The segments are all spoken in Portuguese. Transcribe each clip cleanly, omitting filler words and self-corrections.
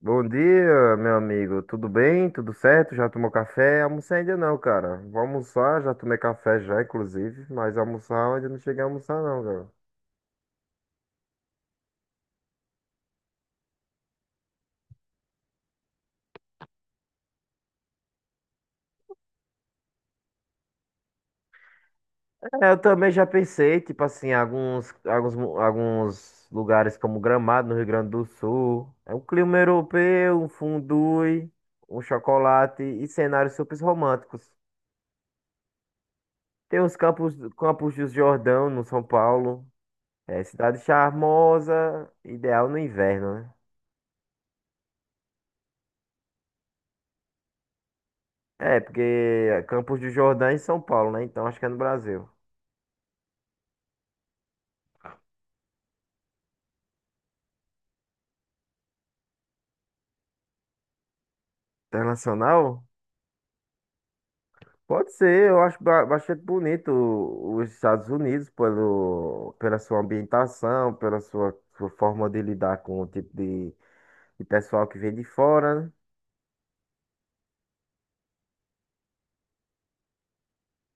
Bom dia, meu amigo. Tudo bem? Tudo certo? Já tomou café? Almocei ainda não, cara. Vou almoçar, já tomei café já, inclusive, mas almoçar eu ainda não cheguei a almoçar não, cara. É, eu também já pensei, tipo assim, alguns lugares como Gramado, no Rio Grande do Sul, é um clima europeu, um fondue, um chocolate e cenários super românticos. Tem Campos do Jordão, no São Paulo. É cidade charmosa, ideal no inverno, né? É, porque Campos do Jordão é em São Paulo, né? Então acho que é no Brasil. Internacional? Pode ser, eu acho bastante bonito os Estados Unidos pela sua ambientação, sua forma de lidar com o de pessoal que vem de fora, né?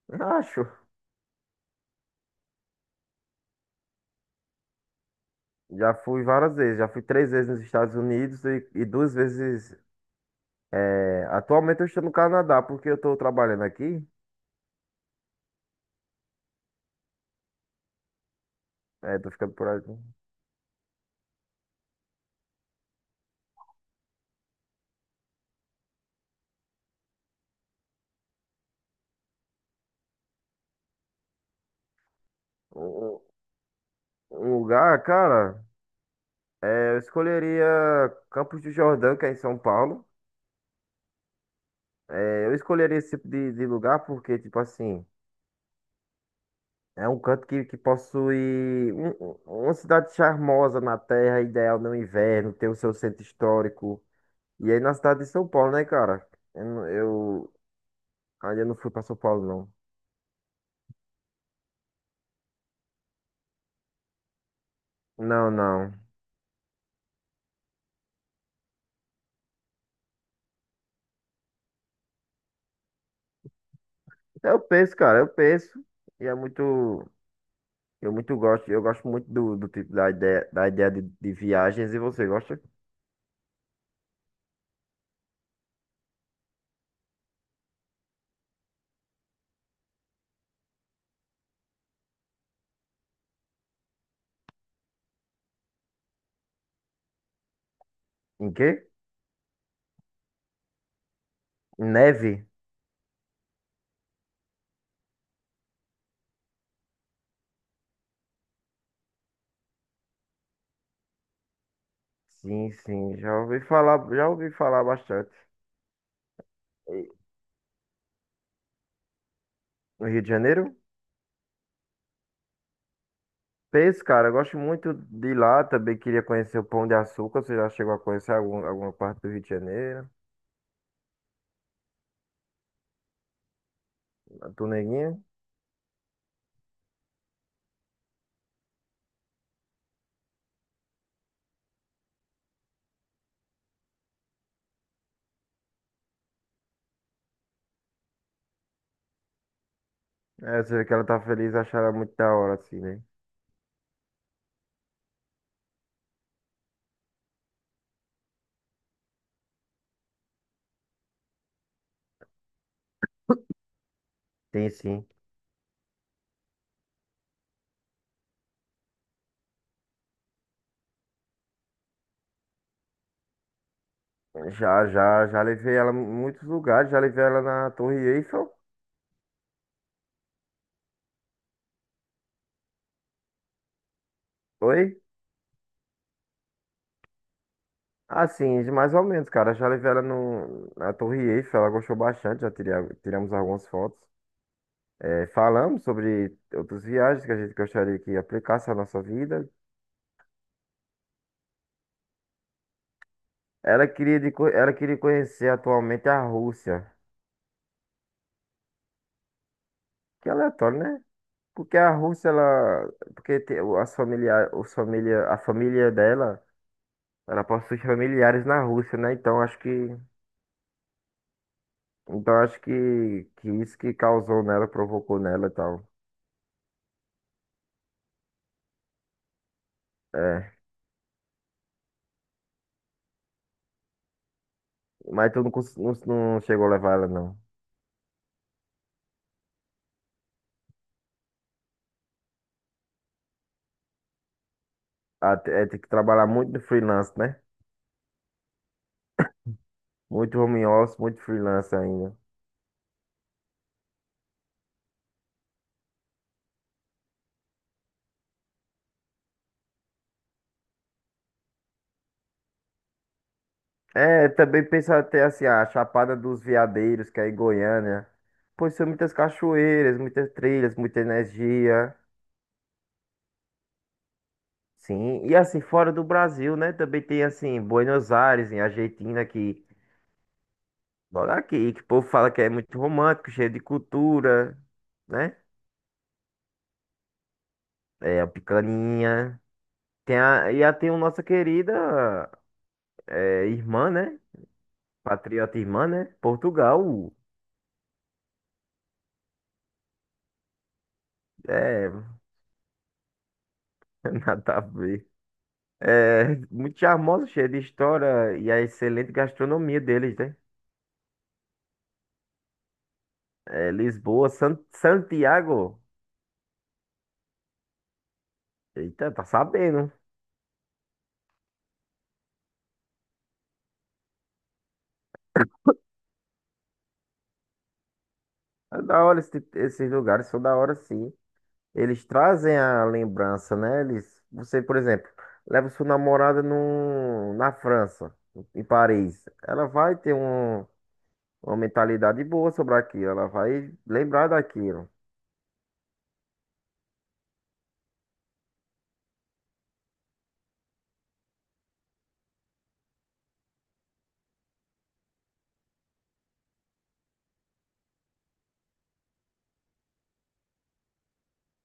Eu acho. Já fui várias vezes, já fui 3 vezes nos Estados Unidos e 2 vezes. Atualmente eu estou no Canadá, porque eu estou trabalhando aqui, tô ficando por aqui. Um um lugar, cara. É, eu escolheria Campos do Jordão, que é em São Paulo. É, eu escolheria esse de lugar porque, tipo assim, é um canto que possui uma cidade charmosa na terra, ideal no inverno, tem o seu centro histórico. E aí na cidade de São Paulo, né, cara? Eu ainda não fui pra São Paulo, não. Não, não. Eu penso, cara, eu penso. E é muito. Eu muito gosto. Eu gosto muito do tipo da ideia de viagens. E você gosta? Em quê? Neve? Sim, sim, já ouvi falar bastante. E- No Rio de Janeiro? Peixe, cara, eu gosto muito de lá, também queria conhecer o Pão de Açúcar, você já chegou a conhecer alguma parte do Rio de Janeiro? A tua neguinha? É, você vê que ela tá feliz, achar ela muito da hora, assim, né? Tem sim. Já levei ela em muitos lugares, já levei ela na Torre Eiffel. Oi? Assim, mais ou menos, cara, já levei ela no, na Torre Eiffel, ela gostou bastante, tiramos algumas fotos. É, falamos sobre outras viagens que a gente gostaria que aplicasse à nossa vida. Ela queria conhecer atualmente a Rússia. Que é aleatório, né? Porque a Rússia, ela. Porque te- o- as familia, os família, a família dela, ela possui familiares na Rússia, né? Então acho que. Então acho que isso que causou nela, provocou nela e tal. É. Mas tu não, cons- não, Não chegou a levar ela, não. É, tem que trabalhar muito no freelance, né? Muito home office, muito freelance ainda. É, também pensar até assim, a Chapada dos Veadeiros, que é em Goiânia. Pois são muitas cachoeiras, muitas trilhas, muita energia. Sim, e assim, fora do Brasil, né? Também tem assim, Buenos Aires, em Argentina, que olha aqui, que o povo fala que é muito romântico, cheio de cultura, né? É, a picaninha. Tem a nossa querida irmã, né? Patriota irmã, né? Portugal. É, nada a ver. É, muito charmosa, cheia de história e a excelente gastronomia deles, né? É, Lisboa, Santiago. Eita, tá sabendo. É da hora esse esses lugares, são da hora sim. Eles trazem a lembrança, né? Eles, você, por exemplo, leva sua namorada no, na França, em Paris. Ela vai ter um, uma mentalidade boa sobre aquilo, ela vai lembrar daquilo.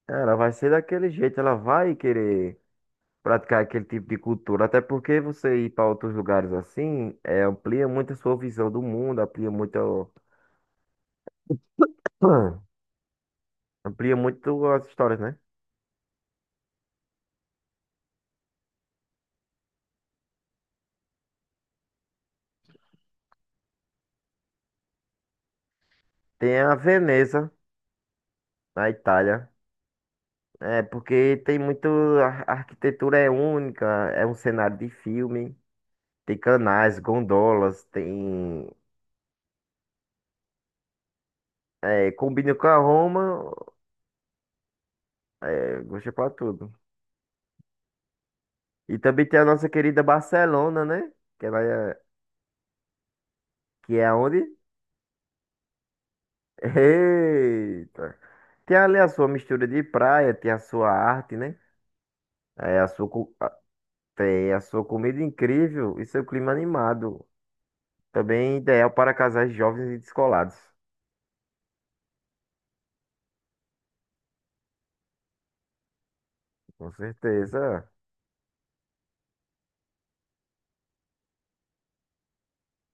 Ela vai ser daquele jeito, ela vai querer. Praticar aquele tipo de cultura. Até porque você ir para outros lugares assim, é, amplia muito a sua visão do mundo, amplia muito, amplia muito as histórias, né? Tem a Veneza, na Itália. É, porque tem muito. A arquitetura é única, é um cenário de filme. Tem canais, gondolas, tem. É, combina com a Roma, é, gostei pra tudo. E também tem a nossa querida Barcelona, né? Que ela é. Que é onde? Eita! Tem ali a sua mistura de praia, tem a sua arte, né? É a sua, co- a- Tem a sua comida incrível e seu clima animado. Também ideal para casais jovens e descolados. Com certeza.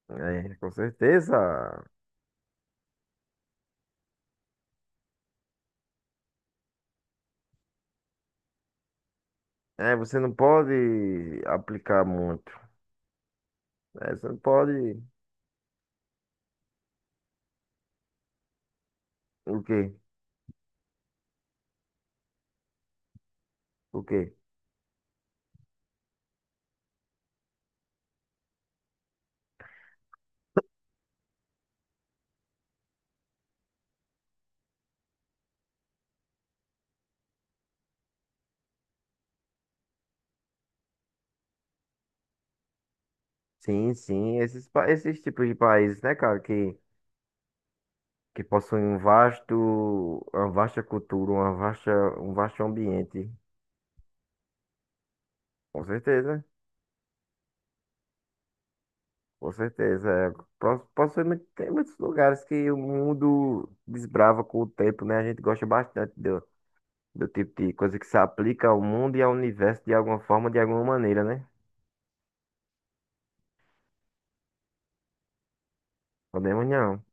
É, com certeza. É, você não pode aplicar muito. É, você não pode. O quê? O quê? Sim, sim. Esses tipos de países, né, cara, que possuem uma vasta cultura, um vasto ambiente. Com certeza, com certeza. É, possivelmente tem muitos lugares que o mundo desbrava com o tempo, né? A gente gosta bastante do tipo de coisa que se aplica ao mundo e ao universo de alguma forma, de alguma maneira, né? Podemos não.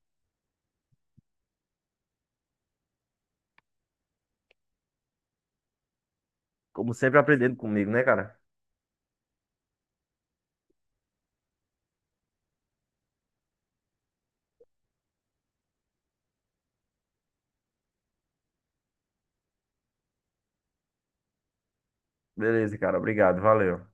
Como sempre aprendendo comigo, né, cara? Beleza, cara. Obrigado. Valeu.